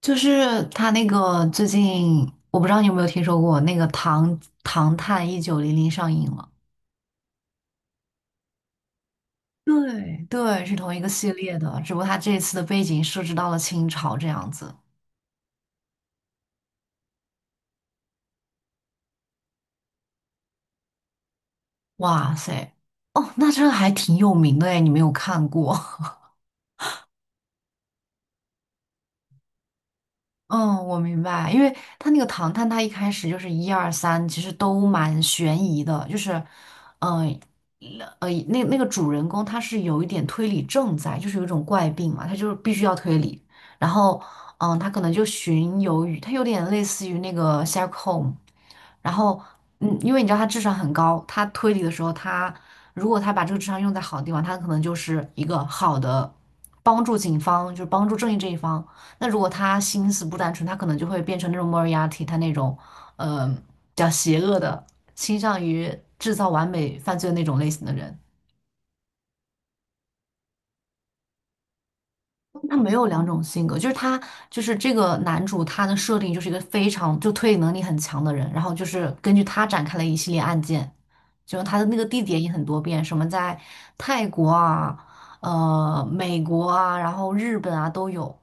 就是他那个最近，我不知道你有没有听说过那个《唐探1900》上映了。对对，是同一个系列的，只不过他这次的背景设置到了清朝这样子。哇塞，哦，那这个还挺有名的哎，你没有看过？嗯，我明白，因为他那个唐探，他一开始就是1、2、3，其实都蛮悬疑的，就是，嗯、那个主人公他是有一点推理症在，就是有一种怪病嘛，他就是必须要推理，然后，他可能就巡游于，他有点类似于那个 Sherlock Holmes，然后，因为你知道他智商很高，他推理的时候他，如果他把这个智商用在好的地方，他可能就是一个好的帮助警方，就是帮助正义这一方。那如果他心思不单纯，他可能就会变成那种莫尔亚蒂，他那种，比较邪恶的，倾向于制造完美犯罪的那种类型的人。他没有两种性格，就是他就是这个男主，他的设定就是一个非常就推理能力很强的人，然后就是根据他展开了一系列案件，就他的那个地点也很多变，什么在泰国啊、美国啊，然后日本啊都有，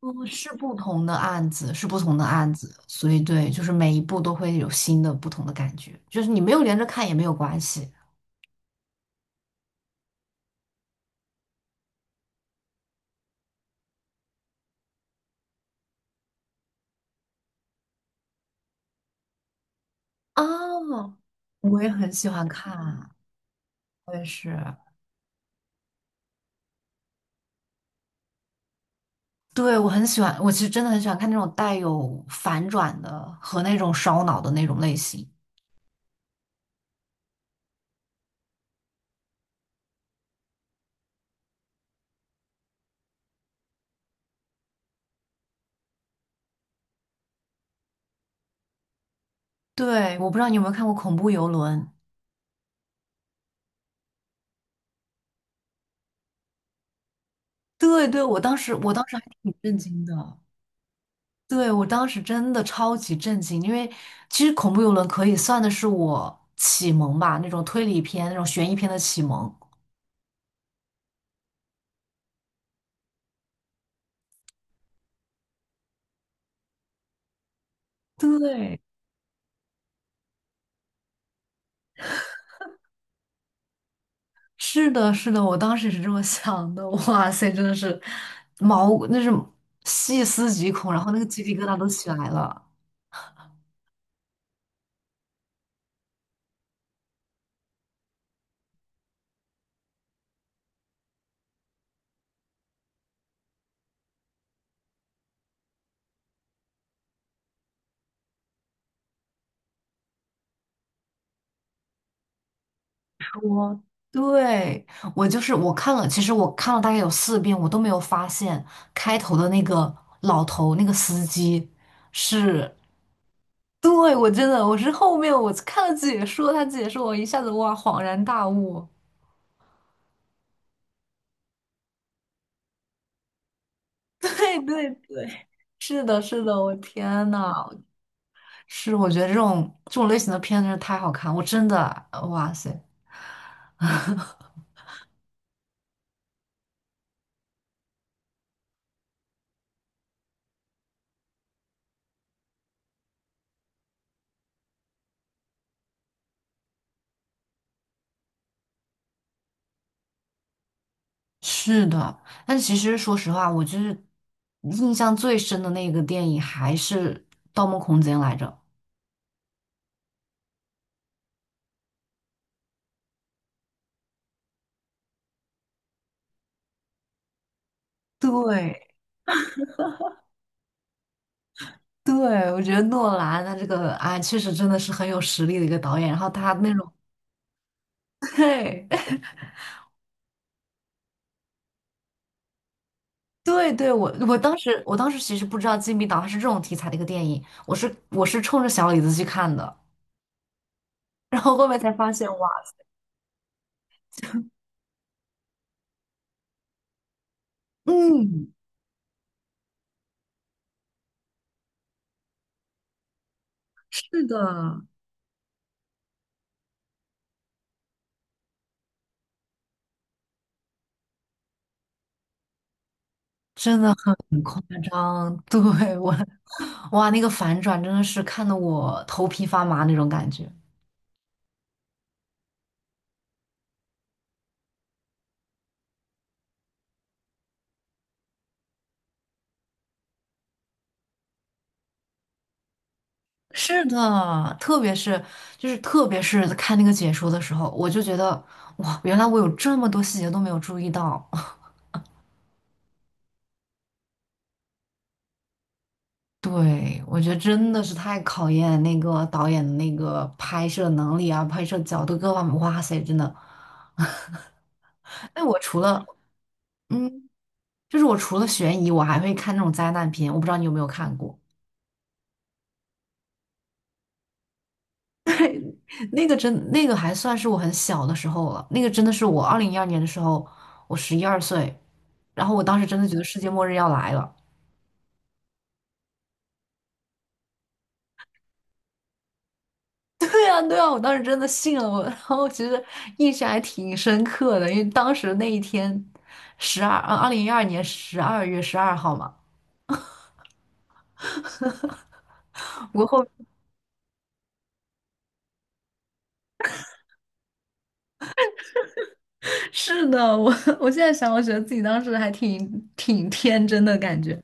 嗯，是不同的案子，是不同的案子，所以对，就是每一部都会有新的不同的感觉，就是你没有连着看也没有关系啊，我也很喜欢看，我也是。对，我很喜欢，我其实真的很喜欢看那种带有反转的和那种烧脑的那种类型。对，我不知道你有没有看过《恐怖游轮》？对对，我当时还挺 震惊的。对，我当时真的超级震惊，因为其实《恐怖游轮》可以算的是我启蒙吧，那种推理片、那种悬疑片的启蒙。对，是的，是的，我当时也是这么想的。哇塞，真的是毛，那是细思极恐，然后那个鸡皮疙瘩都起来了。我对我就是我看了，其实我看了大概有4遍，我都没有发现开头的那个老头那个司机是，对，我真的我是后面我看了解说，他解说我一下子哇恍然大悟，对对对，是的，是的，我天呐，是我觉得这种类型的片真是太好看，我真的哇塞，是的，但其实说实话，我就是印象最深的那个电影还是《盗梦空间》来着。对对，我觉得诺兰他这个啊，确实真的是很有实力的一个导演。然后他那种，对对对，我当时其实不知道《禁闭岛》它是这种题材的一个电影，我是冲着小李子去看的，然后后面才发现哇，嗯，是的，真的。很。嗯，对，我，哇，那个反转真的是看得我头皮发麻那种感觉。是的，特别是看那个解说的时候，我就觉得哇，原来我有这么多细节都没有注意到。对，我觉得真的是太考验那个导演的那个拍摄能力啊，拍摄角度各方面，哇塞，真的。哎，嗯，我除了悬疑，我还会看那种灾难片，我不知道你有没有看过。那个真那个还算是我很小的时候了，那个真的是我二零一二年的时候，我十一二岁，然后我当时真的觉得世界末日要来了。对啊，对啊，我当时真的信了我，然后其实印象还挺深刻的，因为当时那一天2012年12月12号嘛。不过后 是的，我现在想，我觉得自己当时还挺天真的感觉，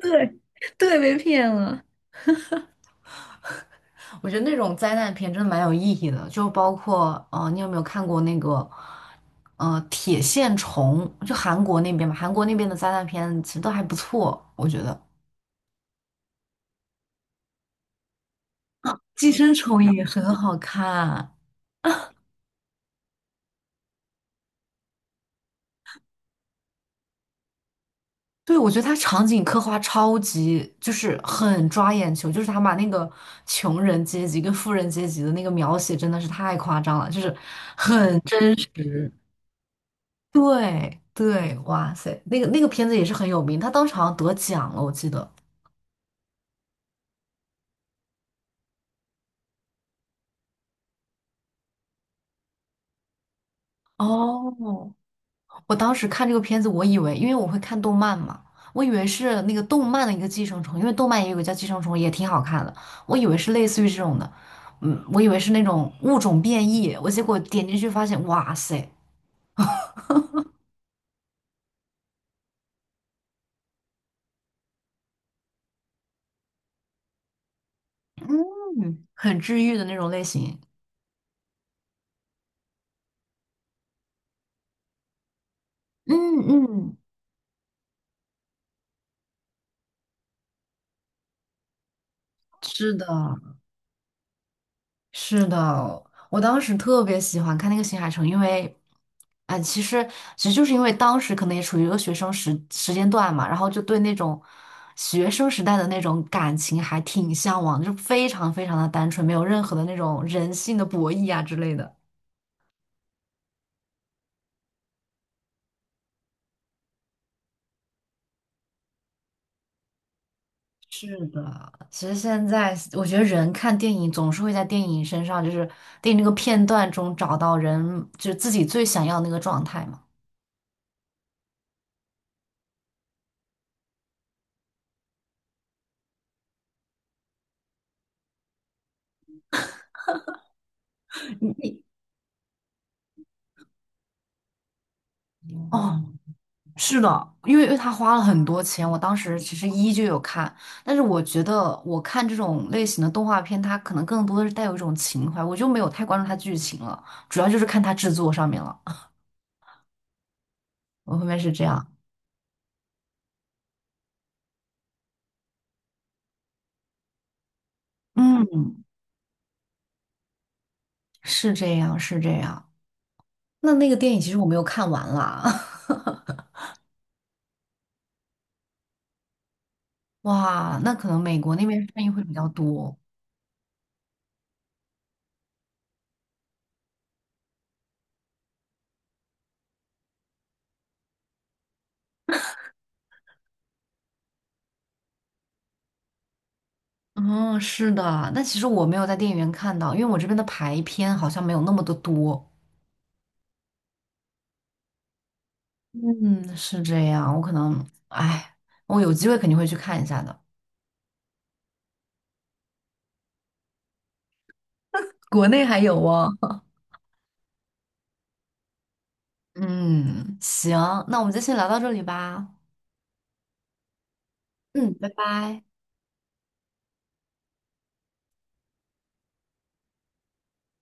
对，对，被骗了。我觉得那种灾难片真的蛮有意义的，就包括你有没有看过那个《铁线虫》？就韩国那边嘛，韩国那边的灾难片其实都还不错，我觉得《寄生虫》也很好看。对，我觉得它场景刻画超级，就是很抓眼球，就是他把那个穷人阶级跟富人阶级的那个描写真的是太夸张了，就是很真实。对对，哇塞，那个片子也是很有名，他当时好像得奖了，我记得。哦，我当时看这个片子，我以为，因为我会看动漫嘛，我以为是那个动漫的一个寄生虫，因为动漫也有个叫寄生虫，也挺好看的，我以为是类似于这种的，嗯，我以为是那种物种变异，我结果点进去发现，哇塞，嗯，很治愈的那种类型，嗯嗯，是的，是的，我当时特别喜欢看那个新海诚，因为，哎，其实就是因为当时可能也处于一个学生时间段嘛，然后就对那种学生时代的那种感情还挺向往，就非常非常的单纯，没有任何的那种人性的博弈啊之类的。是的，其实现在我觉得人看电影总是会在电影身上，就是电影那个片段中找到人，就是自己最想要的那个状态嘛。哦，是的，因为他花了很多钱，我当时其实就有看，但是我觉得我看这种类型的动画片，它可能更多的是带有一种情怀，我就没有太关注它剧情了，主要就是看它制作上面了。我后面是这样，嗯，是这样，是这样。那个电影其实我没有看完啦，哇，那可能美国那边上映会比较多。嗯，是的，但其实我没有在电影院看到，因为我这边的排片好像没有那么的多。嗯，是这样，我可能，哎，我有机会肯定会去看一下的。国内还有哦。嗯，行，那我们就先聊到这里吧。嗯，拜拜。